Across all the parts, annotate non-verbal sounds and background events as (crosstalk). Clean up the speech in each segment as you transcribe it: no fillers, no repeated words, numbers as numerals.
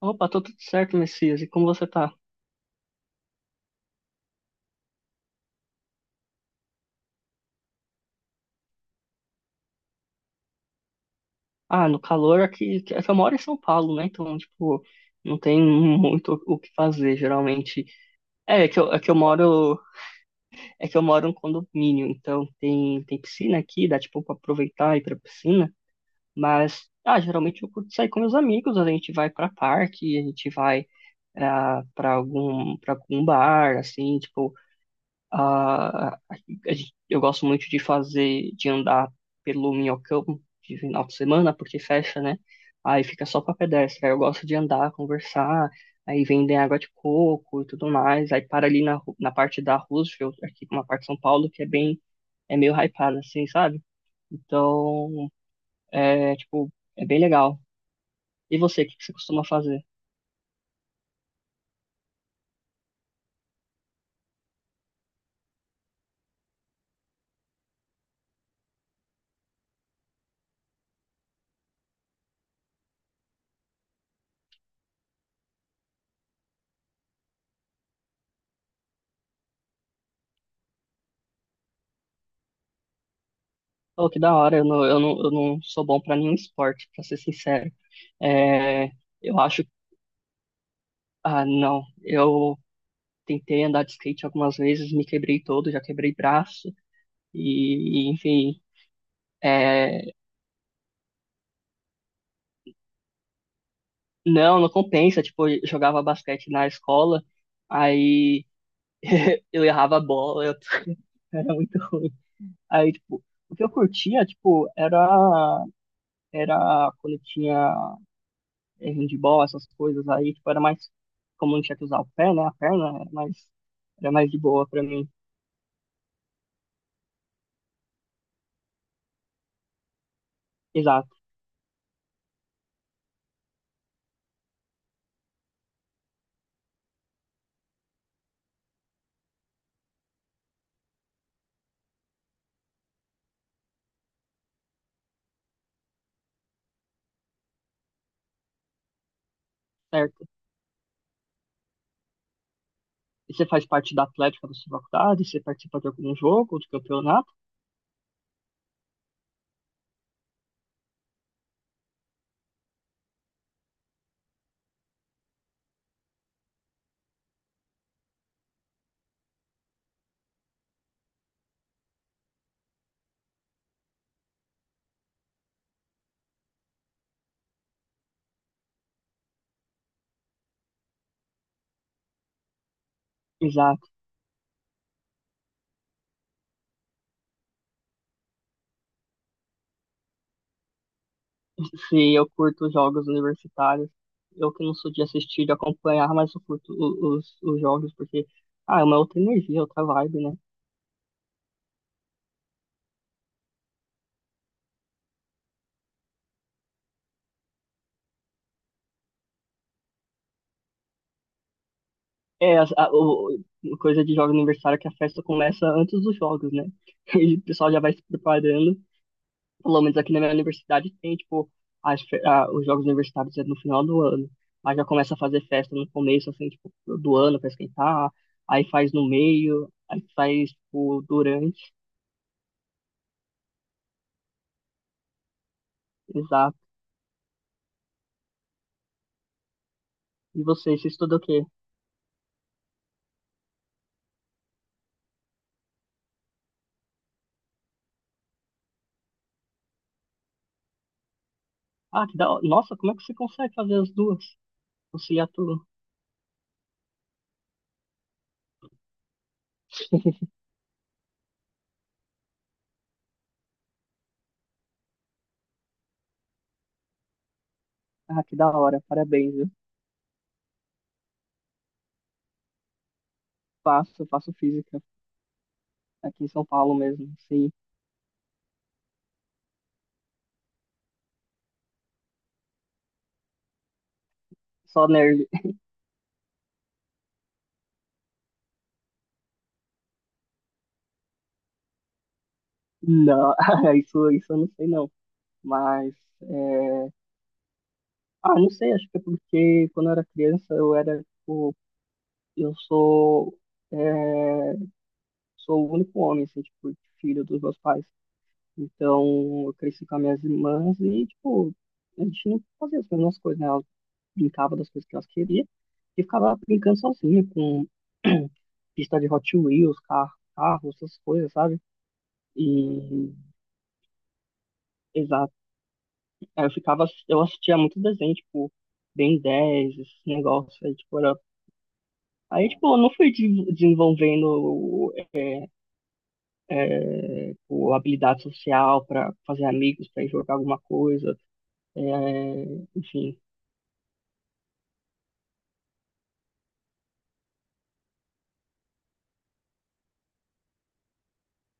Opa, tô tudo certo, Messias. E como você tá? Ah, no calor aqui, eu moro em São Paulo, né? Então, tipo, não tem muito o que fazer, geralmente. É, é que eu moro, é que eu moro em condomínio, então tem piscina aqui, dá tipo pra aproveitar e ir pra piscina, mas geralmente eu curto sair com meus amigos, a gente vai pra parque, a gente vai ah, pra algum para algum bar, assim, tipo, eu gosto muito de fazer, de andar pelo Minhocão de final de semana, porque fecha, né? Aí fica só para pedestre. Aí eu gosto de andar, conversar, aí vendem água de coco e tudo mais. Aí para ali na parte da Roosevelt, aqui uma parte de São Paulo, que é é meio hypada, assim, sabe? Então, é, tipo, é bem legal. E você, o que que você costuma fazer? Oh, que da hora, eu não sou bom para nenhum esporte, para ser sincero. É, eu acho Ah, não. Eu tentei andar de skate algumas vezes, me quebrei todo, já quebrei braço. Enfim, é, não, não compensa. Tipo, eu jogava basquete na escola, aí eu errava a bola, eu (laughs) era muito ruim. Aí, tipo, o que eu curtia, era quando eu tinha handball, essas coisas aí, tipo, era mais como não tinha que usar o pé, né? A perna era mais de boa pra mim. Exato, certo. E você faz parte da atlética da sua faculdade? Você participa de algum jogo, de campeonato? Exato. Se eu curto jogos universitários, eu que não sou de assistir, de acompanhar, mas eu curto os jogos porque, ah, é uma outra energia, outra vibe, né? É, coisa de jogos universitário é que a festa começa antes dos jogos, né? (laughs) E o pessoal já vai se preparando. Pelo menos aqui na minha universidade tem, tipo, os jogos universitários é no final do ano. Mas já começa a fazer festa no começo, assim, tipo, do ano pra esquentar. Aí faz no meio, aí faz, tipo, durante. Exato. E você estuda o quê? Ah, que da hora. Nossa, como é que você consegue fazer as duas? Você e a tua. Ah, que da hora. Parabéns, viu? Faço, faço física. Aqui em São Paulo mesmo, sim. Só nerd. Não, (laughs) isso eu não sei não. Mas é, não sei, acho que é porque quando eu era criança eu era, tipo, eu sou, é, sou o único homem, assim, tipo, filho dos meus pais. Então eu cresci com as minhas irmãs e, tipo, a gente não fazia as mesmas coisas, né? Elas brincavam das coisas que elas queriam e ficava brincando sozinha com (clears throat) pista de Hot Wheels, carro, essas coisas, sabe? E, exato. Aí eu ficava, eu assistia muito desenho, tipo, Ben dez, esse negócio aí, tipo, era. Aí, tipo, eu não desenvolvendo habilidade social para fazer amigos, para jogar alguma coisa, é, enfim.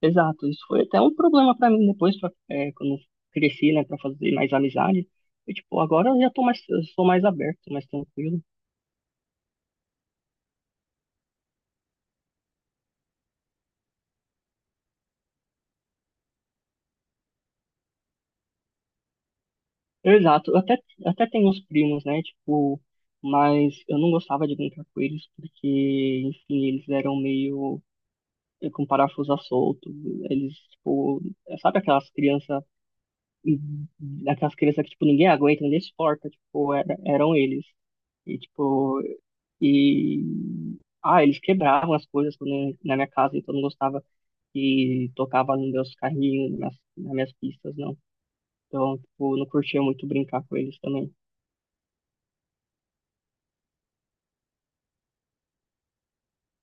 Exato, isso foi até um problema para mim depois, pra, é, quando eu cresci, né, para fazer mais amizade. E, tipo, agora eu já tô mais, eu sou mais aberto, mais tranquilo. Exato, até tenho uns primos, né, tipo, mas eu não gostava de brincar com eles porque, enfim, eles eram meio com parafuso a solto, eles, tipo, sabe aquelas crianças e aquelas crianças que, tipo, ninguém aguenta, ninguém suporta, tipo, eram eles. E, tipo, e... Ah, eles quebravam as coisas quando, na minha casa, então eu não gostava que tocava nos meus carrinhos, nas minas pistas, não. Então, tipo, eu não curtia muito brincar com eles também.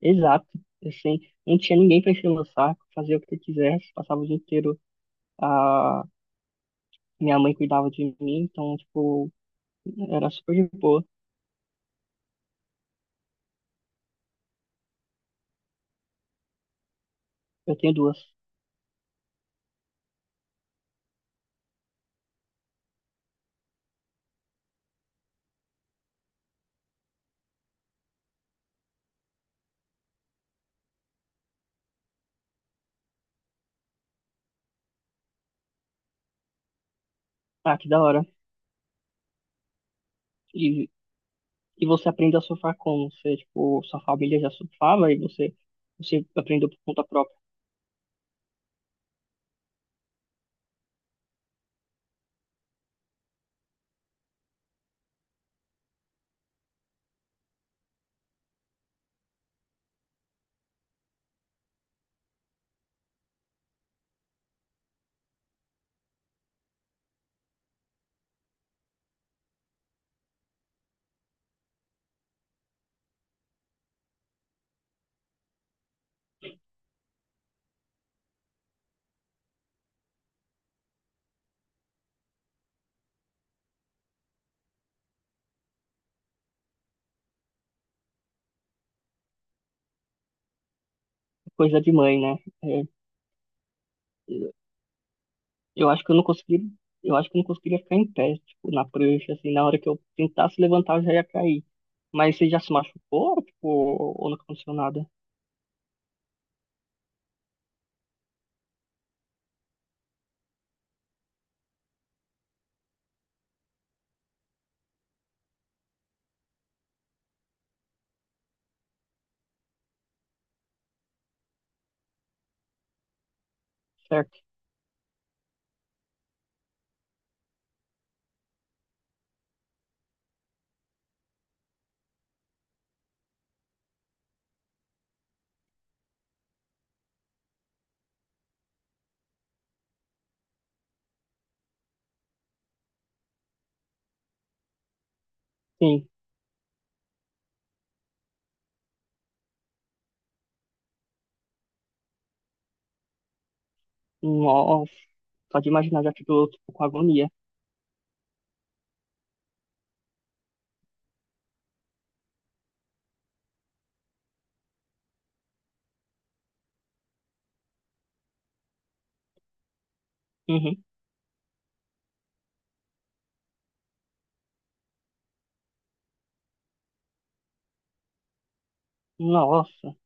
Exato, assim, não tinha ninguém pra encher o meu saco, fazia o que eu quisesse, passava o dia inteiro, a minha mãe cuidava de mim, então, tipo, era super de boa. Eu tenho duas. Ah, que da hora. E E você aprende a surfar como? Você, tipo, sua família já surfava e você, você aprendeu por conta própria. É coisa de mãe, né? É, eu acho que eu não consegui, eu acho que eu não conseguiria ficar em pé, tipo, na prancha, assim, na hora que eu tentasse levantar, eu já ia cair. Mas você já se machucou, tipo, ou não aconteceu nada? Certo? Sim. Nossa. Só de imaginar já ficou, tipo, com agonia. Uhum. Nossa.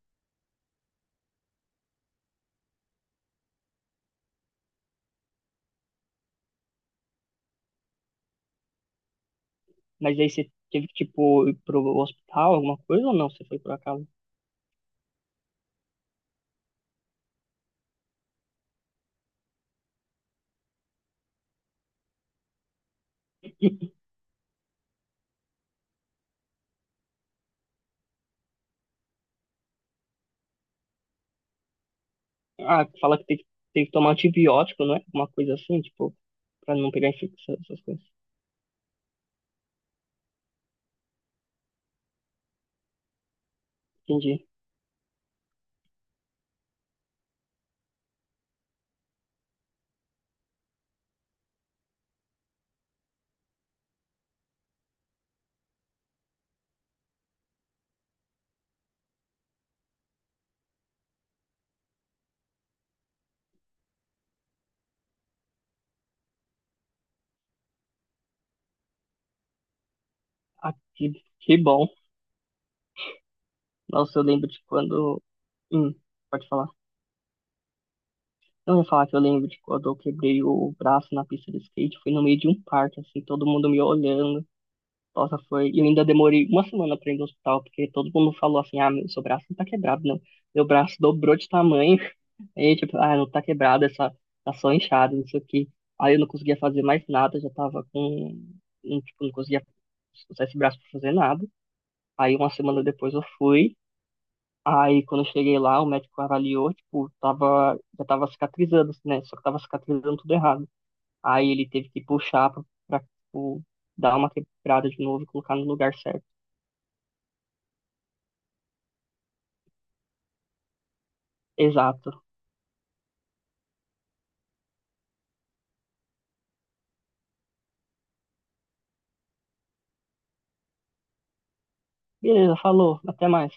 Mas aí você teve que, tipo, ir pro hospital, alguma coisa ou não? Você foi por acaso? Ah, fala que tem que tomar antibiótico, não é? Uma coisa assim, tipo, pra não pegar infecção, essas coisas. Entendi. Ah, que bom. Nossa, eu lembro de quando. Hum, pode falar. Eu ia falar que eu lembro de quando eu quebrei o braço na pista de skate. Foi no meio de um parque, assim, todo mundo me olhando. Nossa, foi. E eu ainda demorei uma semana pra ir no hospital, porque todo mundo falou assim: ah, meu, seu braço não tá quebrado, não. Meu braço dobrou de tamanho. (laughs) Não tá quebrado, tá só inchado, isso aqui. Aí eu não conseguia fazer mais nada, já tava com. Não, tipo, não conseguia usar esse braço pra fazer nada. Aí uma semana depois eu fui. Aí quando eu cheguei lá, o médico avaliou, tipo, já tava cicatrizando, né? Só que tava cicatrizando tudo errado. Aí ele teve que puxar tipo, dar uma quebrada de novo e colocar no lugar certo. Exato. Beleza, falou. Até mais.